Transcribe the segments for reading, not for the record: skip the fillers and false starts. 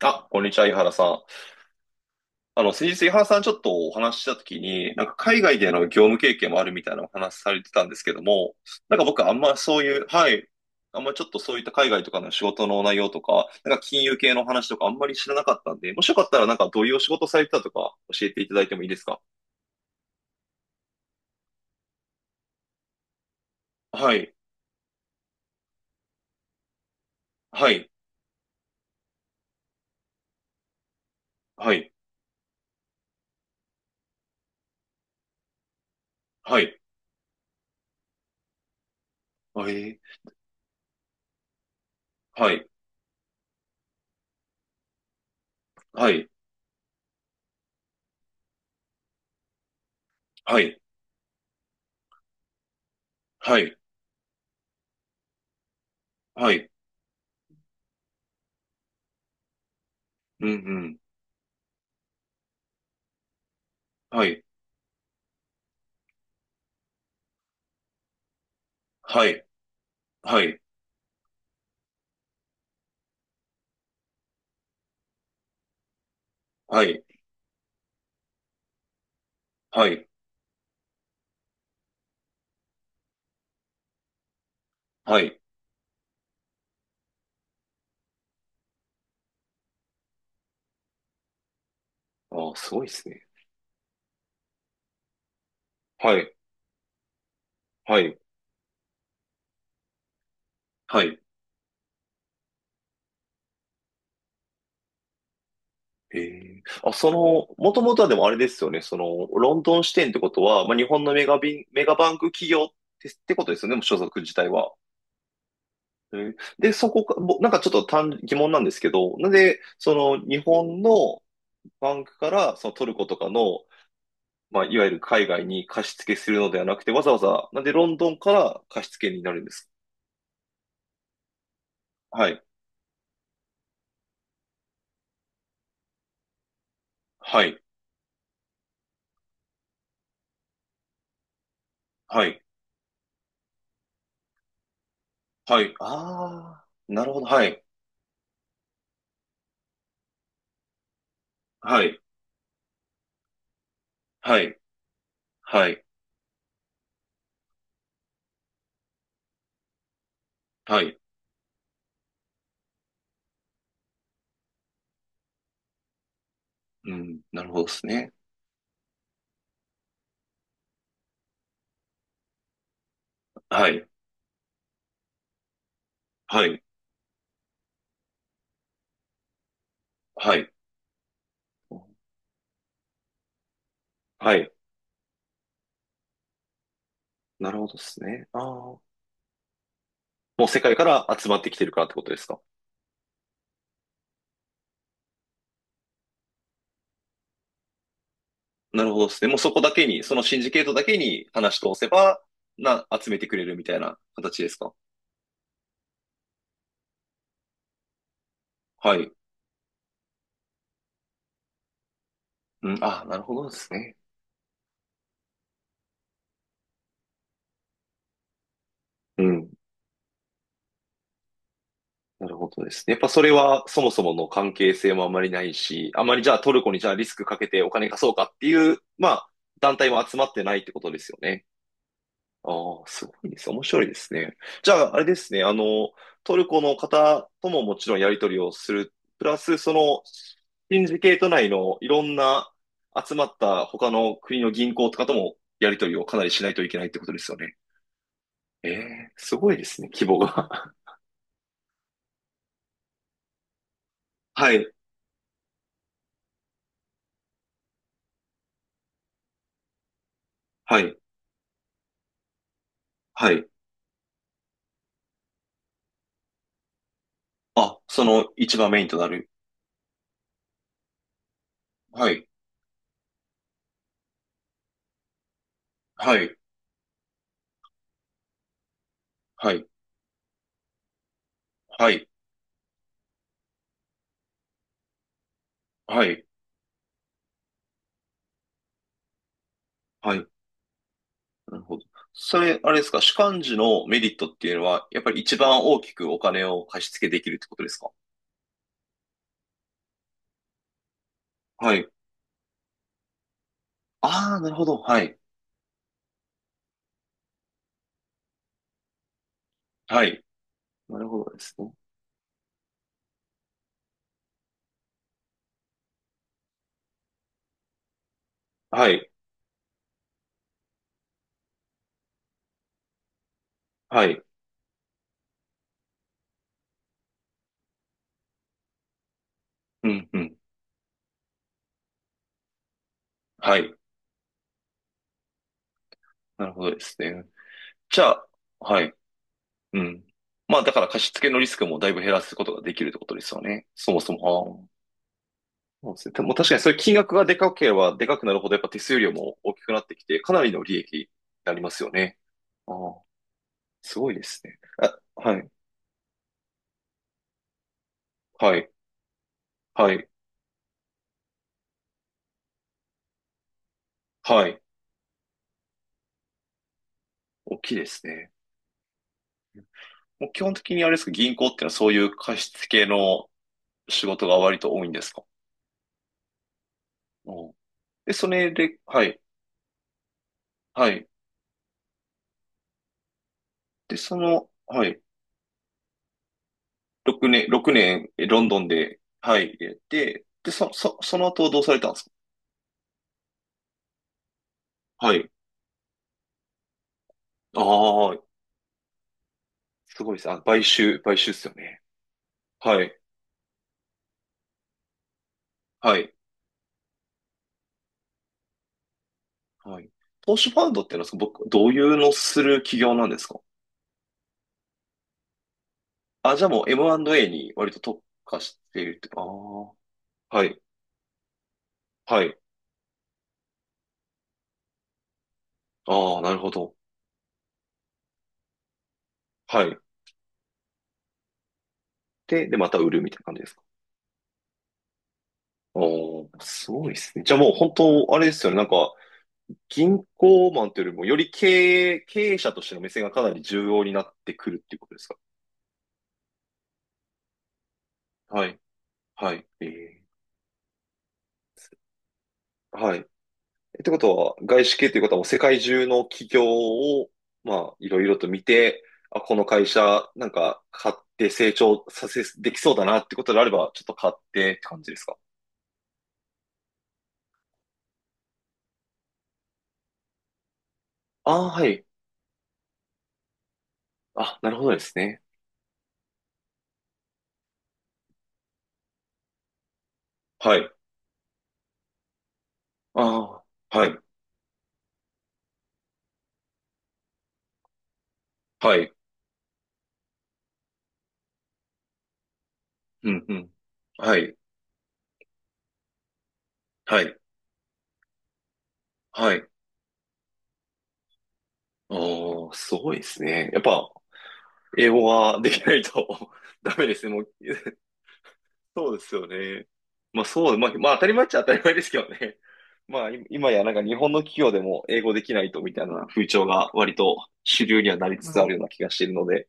あ、こんにちは、井原さん。あの、先日井原さんちょっとお話ししたときに、なんか海外での業務経験もあるみたいなお話されてたんですけども、なんか僕あんまそういう、はい、あんまちょっとそういった海外とかの仕事の内容とか、なんか金融系の話とかあんまり知らなかったんで、もしよかったらなんかどういうお仕事されてたとか教えていただいてもいいですか？はい、はい、はい、はい、はい、はい、はい、はい、はい、はい、うん、うん、はい、はい、はい、はい、はい、はい。ああ、すごいですね。はい、はい。はい。ええ、あ、その、もともとはでもあれですよね。その、ロンドン支店ってことは、まあ、日本のメガバンク企業ってことですよね。もう所属自体は。で、そこか、なんかちょっと疑問なんですけど、なんで、その、日本のバンクから、そのトルコとかの、まあ、いわゆる海外に貸し付けするのではなくて、わざわざ、なんでロンドンから貸し付けになるんですか？はい。はい。はい。はい。ああ、なるほど。はい。はい。はい。はい。はい。うん、なるほどですね。はい、はい、はい。はい、なるほどですね。ああ、もう世界から集まってきてるからってことですか？なるほどですね。もうそこだけに、そのシンジケートだけに話し通せば、集めてくれるみたいな形ですか？はい。うん、あ、なるほどですね。うん、なるほどですね。やっぱそれはそもそもの関係性もあまりないし、あまりじゃあトルコにじゃあリスクかけてお金貸そうかっていう、まあ、団体も集まってないってことですよね。ああ、すごいです。面白いですね。じゃあ、あれですね。あの、トルコの方とももちろんやり取りをする。プラス、その、シンジケート内のいろんな集まった他の国の銀行とかともやり取りをかなりしないといけないってことですよね。ええ、すごいですね、規模が。はい、はい、はい。あ、その一番メインとなる。はい、はい、はい、はい、はい、はい。なるほど。それ、あれですか、主幹事のメリットっていうのは、やっぱり一番大きくお金を貸し付けできるってことですか？はい。ああ、なるほど。はい。はい。なるほどですね。はい。はい。うん、うん。はい。なるほどですね。じゃあ、はい。うん。まあ、だから貸し付けのリスクもだいぶ減らすことができるってことですよね。そもそも。ああ。そうですね。でも確かにそういう金額がでかければでかくなるほど、やっぱ手数料も大きくなってきて、かなりの利益になりますよね。ああ、すごいですね。あ、はい。はい。はい。はい。大きいですね。もう基本的にあれですか、銀行っていうのはそういう貸付系の仕事が割と多いんですか？うん。で、それで、はい。はい。で、その、はい。6年、ロンドンで、はい。で、で、そ、そ、その後どうされたんですか？はい。ああ、すごいですね。あ、買収っすよね？はい。はい。はい。投資ファンドっていうのは、その僕、どういうのする企業なんですか？あ、じゃあもう M&A に割と特化しているって。ああ。はい。はい。ああ、なるほど。はい。また売るみたいな感じですか？おー、すごいですね。じゃあもう本当、あれですよね。なんか、銀行マンというよりも、より経営者としての目線がかなり重要になってくるっていうことですか？はい。はい。はい。ってことは、外資系ということはもう世界中の企業を、まあ、いろいろと見て、あ、この会社、なんか、買って成長させ、できそうだなってことであれば、ちょっと買ってって感じですか？ああー、はい。あ、なるほどですね。はい。ああ、はい、はい、うん、うん、はい、はい、はい。お、あ、すごいですね。やっぱ、英語ができないと ダメですね。もう、そうですよね。まあ、そう、まあ当たり前っちゃ当たり前ですけどね。まあい今やなんか日本の企業でも英語できないとみたいな風潮が割と主流にはなりつつあるような気がしているので。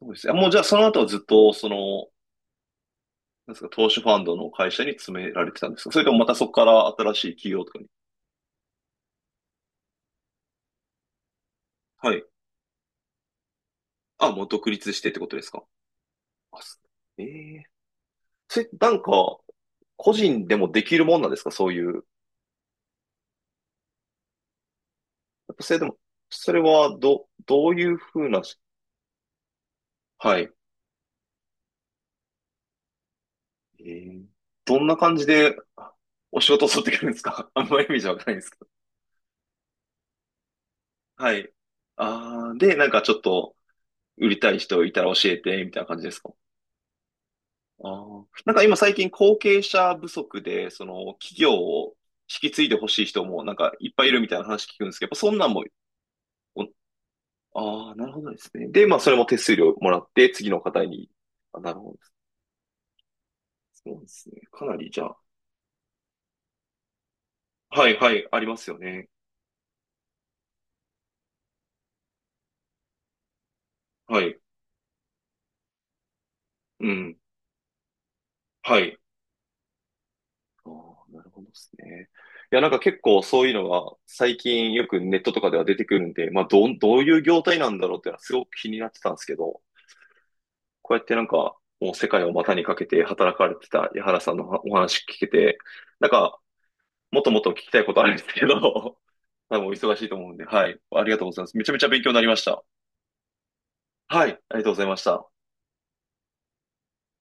そうですね。あ、もう、じゃあその後はずっと、その、なんですか、投資ファンドの会社に詰められてたんですか？それともまたそこから新しい企業とかに。はい。あ、もう独立してってことですか？あ、ええ、それ、なんか、個人でもできるもんなんですか？そういう。やっぱそれでも、それは、どういうふうなはい。ええ、どんな感じでお仕事を取ってくるんですか？ あんまりイメージわかんないんですけど。はい。ああ、で、なんかちょっと売りたい人いたら教えて、みたいな感じですか？ああ、なんか今最近後継者不足で、その企業を引き継いでほしい人もなんかいっぱいいるみたいな話聞くんですけど、やっぱそんなんもああ、なるほどですね。で、まあ、それも手数料もらって、次の方に。あ、なるほど。そうですね。かなり、じゃあ、はいはい、ありますよね。はい。うん。はい。ああ、なるほどですね。いや、なんか結構そういうのが最近よくネットとかでは出てくるんで、まあ、どう、どういう業態なんだろうっていうのはすごく気になってたんですけど、こうやってなんか、もう世界を股にかけて働かれてた矢原さんのお話聞けて、なんかもっともっと聞きたいことあるんですけど、多分お忙しいと思うんで、はい。ありがとうございます。めちゃめちゃ勉強になりました。はい。ありがとうございました。